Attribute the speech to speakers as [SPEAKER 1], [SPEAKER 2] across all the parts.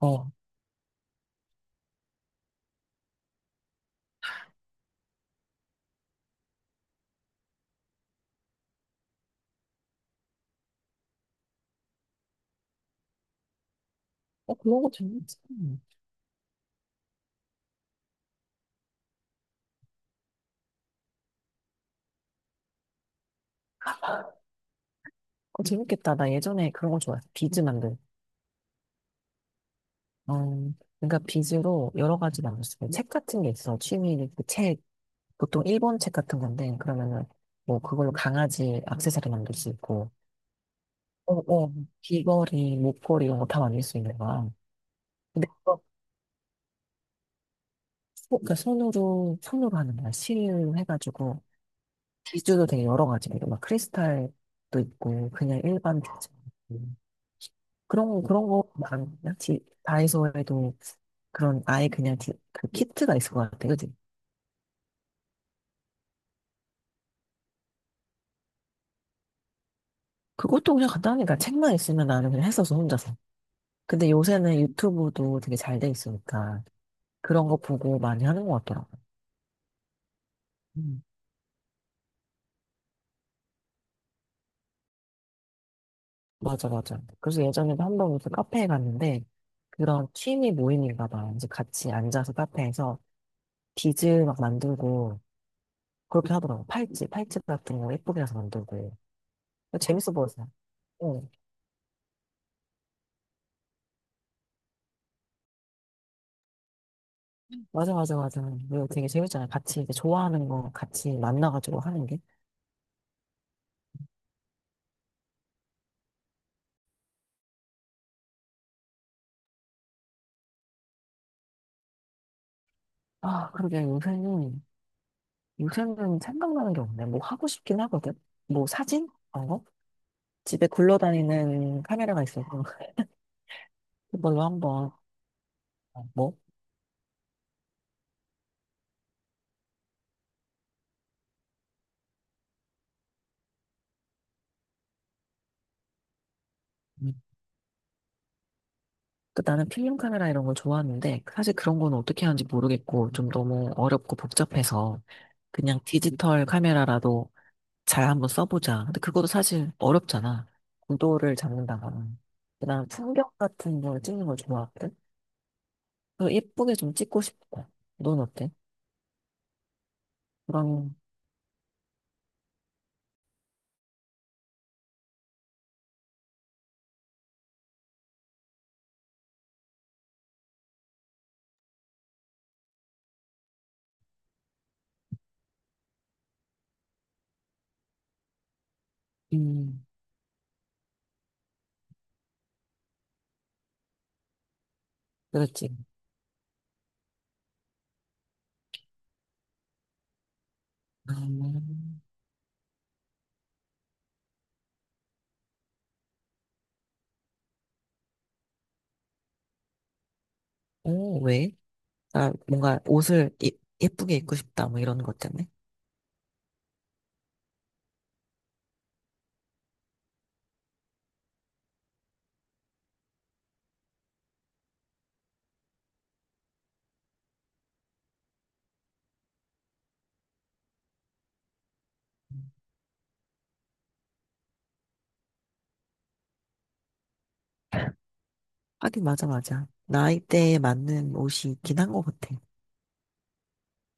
[SPEAKER 1] 어. 어, 그런 거 재밌지. 어, 재밌겠다. 나 예전에 그런 거 좋아했어. 비즈 만들. 어, 그러니까 비즈로 여러 가지 만들 수 있어. 책 같은 게 있어. 취미, 그 책, 보통 일본 책 같은 건데, 그러면은, 뭐, 그걸로 강아지 액세서리 만들 수 있고, 어, 어, 귀걸이, 목걸이 이런 거 다 만들 수 있는 거야. 근데 그거, 그러니까 손으로, 하는 거야. 실을 해가지고, 비즈도 되게 여러 가지. 막 크리스탈도 있고, 그냥 일반 비즈. 그런 거 많냐? 다이소에도 그런 아예 그냥 그 키트가 있을 것 같아. 그지? 그것도 그냥 간단하니까 책만 있으면 나는 그냥 했어서 혼자서. 근데 요새는 유튜브도 되게 잘 돼 있으니까 그런 거 보고 많이 하는 것 같더라고. 음, 맞아, 맞아. 그래서 예전에도 한 번 무슨 카페에 갔는데 그런 취미 모임인가 봐. 이제 같이 앉아서 카페에서 빚을 막 만들고 그렇게 하더라고. 팔찌 같은 거 예쁘게 해서 만들고. 재밌어 보였어. 맞아, 맞아, 맞아. 이거 되게 재밌잖아. 같이 이제 좋아하는 거 같이 만나가지고 하는 게. 아, 그러게 요새는, 생각나는 게 없네. 뭐 하고 싶긴 하거든. 뭐 사진? 그런 거? 집에 굴러다니는 카메라가 있어서 그걸로 한번, 어, 뭐? 음. 그 나는 필름 카메라 이런 걸 좋아하는데 사실 그런 건 어떻게 하는지 모르겠고 좀 너무 어렵고 복잡해서 그냥 디지털 카메라라도 잘 한번 써보자. 근데 그것도 사실 어렵잖아. 구도를 잡는다거나. 그다음 풍경 같은 걸 찍는 걸 좋아하거든. 그래서 예쁘게 좀 찍고 싶어. 넌 어때? 그럼, 음, 그렇지. 음, 오, 왜? 아, 뭔가 옷을 예쁘게 입고 싶다. 뭐 이런 것 때문에. 하긴, 맞아, 맞아. 나이대에 맞는 옷이 있긴 한 것 같아.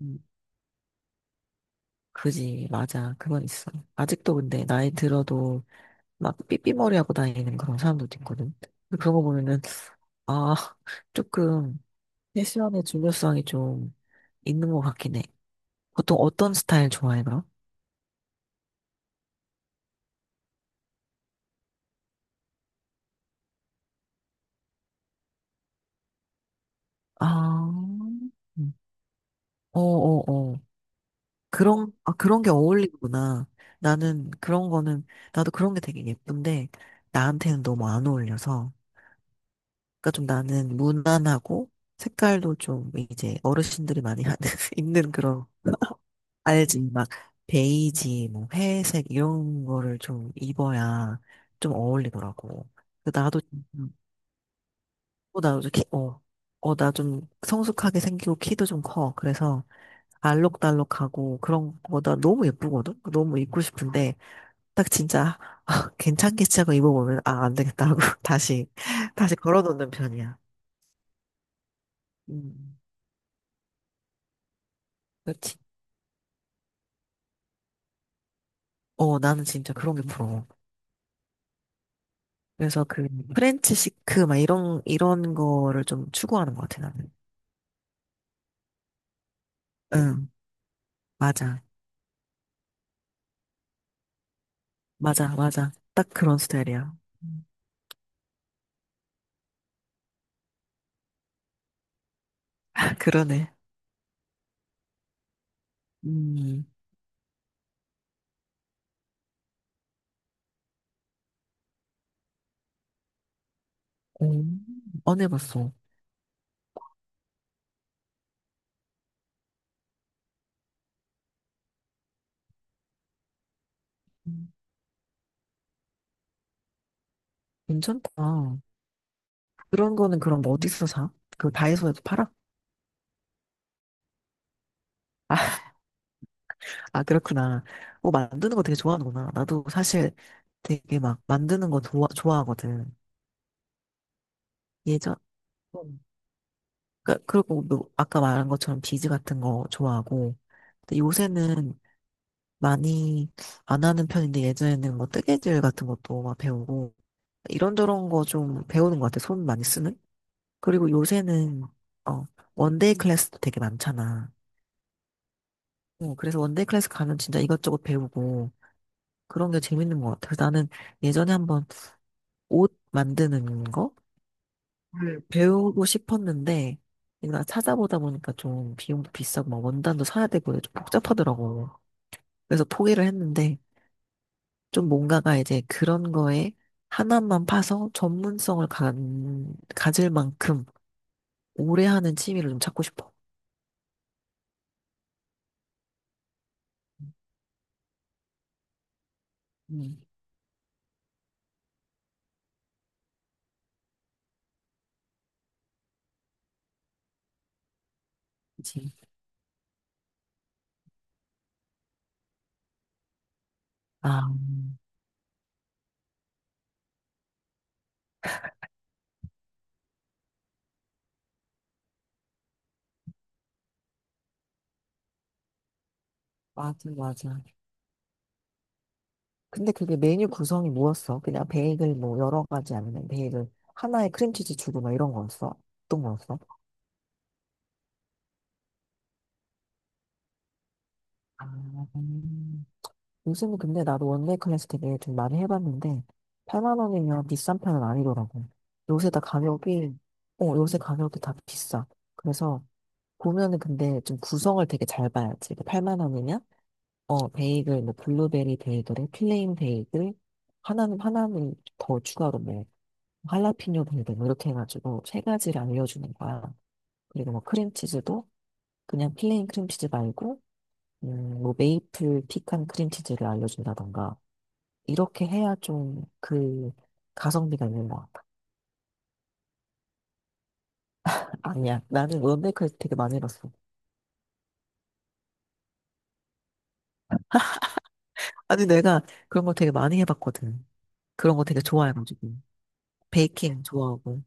[SPEAKER 1] 음, 그지, 맞아. 그건 있어. 아직도 근데 나이 들어도 막 삐삐머리하고 다니는 그런 사람들도 있거든. 근데 그런 거 보면은 아, 조금 패션의 중요성이 좀 있는 것 같긴 해. 보통 어떤 스타일 좋아해, 그럼? 아, 음. 어, 어, 어. 아, 그런 게 어울리구나. 나는 그런 거는, 나도 그런 게 되게 예쁜데, 나한테는 너무 안 어울려서. 그러니까 좀 나는 무난하고, 색깔도 좀 이제 어르신들이 많이 하는, 입는 그런. 알지? 막 베이지, 뭐 회색 이런 거를 좀 입어야 좀 어울리더라고. 그 나도 음. 어, 나도 좀 키, 어, 어, 나 좀 성숙하게 생기고 키도 좀 커. 그래서 알록달록하고 그런 거나 너무 예쁘거든? 너무 입고 싶은데 딱 진짜 아, 괜찮겠지 하고 입어보면 아, 안 되겠다 하고 다시 걸어놓는 편이야. 음, 그렇지. 어, 나는 진짜 그런 게 부러워. 그래서 그 프렌치 시크 막 이런 거를 좀 추구하는 것 같아 나는. 응, 맞아, 맞아, 맞아. 딱 그런 스타일이야. 음. 그러네. 음, 음. 안 해봤어. 음, 괜찮다. 그런 거는 그럼 뭐 어디서 사? 그 다이소에도 팔아? 아, 아, 그렇구나. 어, 만드는 거 되게 좋아하는구나. 나도 사실 되게 막 만드는 거 좋아하거든. 예전, 음. 그리고 뭐 아까 말한 것처럼 비즈 같은 거 좋아하고. 근데 요새는 많이 안 하는 편인데 예전에는 뭐 뜨개질 같은 것도 막 배우고 이런저런 거 좀 배우는 것 같아. 손 많이 쓰는? 그리고 요새는 어, 원데이 클래스도 되게 많잖아. 어, 그래서 원데이 클래스 가면 진짜 이것저것 배우고 그런 게 재밌는 것 같아. 그래서 나는 예전에 한번 옷 만드는 거 배우고 싶었는데 내가 찾아보다 보니까 좀 비용도 비싸고 막 원단도 사야 되고 좀 복잡하더라고. 그래서 포기를 했는데 좀 뭔가가 이제 그런 거에 하나만 파서 전문성을 가질 만큼 오래 하는 취미를 좀 찾고 싶어. 음, 그치. 아, 맞아, 맞아. 근데 그게 메뉴 구성이 뭐였어? 그냥 베이글 뭐 여러 가지 아니면 베이글 하나에 크림치즈 주고 막 이런 거였어? 어떤 거였어? 아, 음. 요즘은 근데 나도 원데이 클래스 되게 좀 많이 해봤는데 8만 원이면 비싼 편은 아니더라고. 요새 다 가격이 어 요새 가격이 다 비싸. 그래서 보면은 근데 좀 구성을 되게 잘 봐야지. 8만 원이면 베이글 뭐 블루베리 베이글에 플레인 베이글 하나는 더 추가로 뭐 할라피뇨 베이글 뭐 이렇게 해가지고 세 가지를 알려주는 거야. 그리고 뭐 크림치즈도 그냥 플레인 크림치즈 말고 뭐 메이플 피칸 크림치즈를 알려준다던가 이렇게 해야 좀 그 가성비가 있는 것 같아. 아니야, 나는 런데크에서 되게 많이 해봤어. 아니 내가 그런 거 되게 많이 해봤거든. 그런 거 되게 좋아해가지고. 베이킹 좋아하고.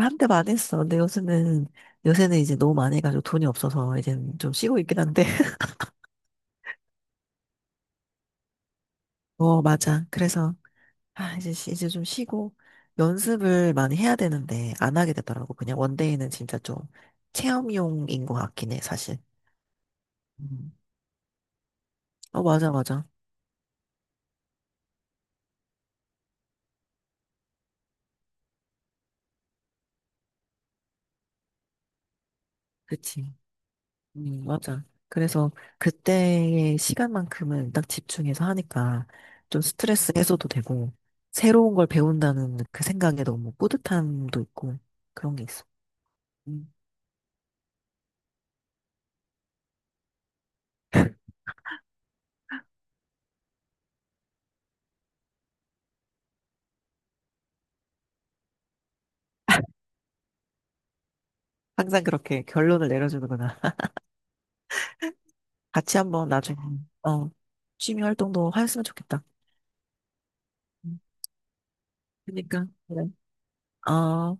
[SPEAKER 1] 한때 많이 했어. 근데 요새는, 이제 너무 많이 해가지고 돈이 없어서 이제 좀 쉬고 있긴 한데. 어, 맞아. 그래서, 아, 이제, 이제 좀 쉬고 연습을 많이 해야 되는데 안 하게 되더라고. 그냥 원데이는 진짜 좀 체험용인 것 같긴 해, 사실. 음. 어, 맞아, 맞아. 그치. 맞아. 그래서 그때의 시간만큼은 딱 집중해서 하니까 좀 스트레스 해소도 되고, 새로운 걸 배운다는 그 생각에 너무 뿌듯함도 있고, 그런 게 있어. 음. 항상 그렇게 결론을 내려주는구나. 같이 한번 나중에, 어, 취미 활동도 하였으면 좋겠다. 음. 그러니까. 그래. 어.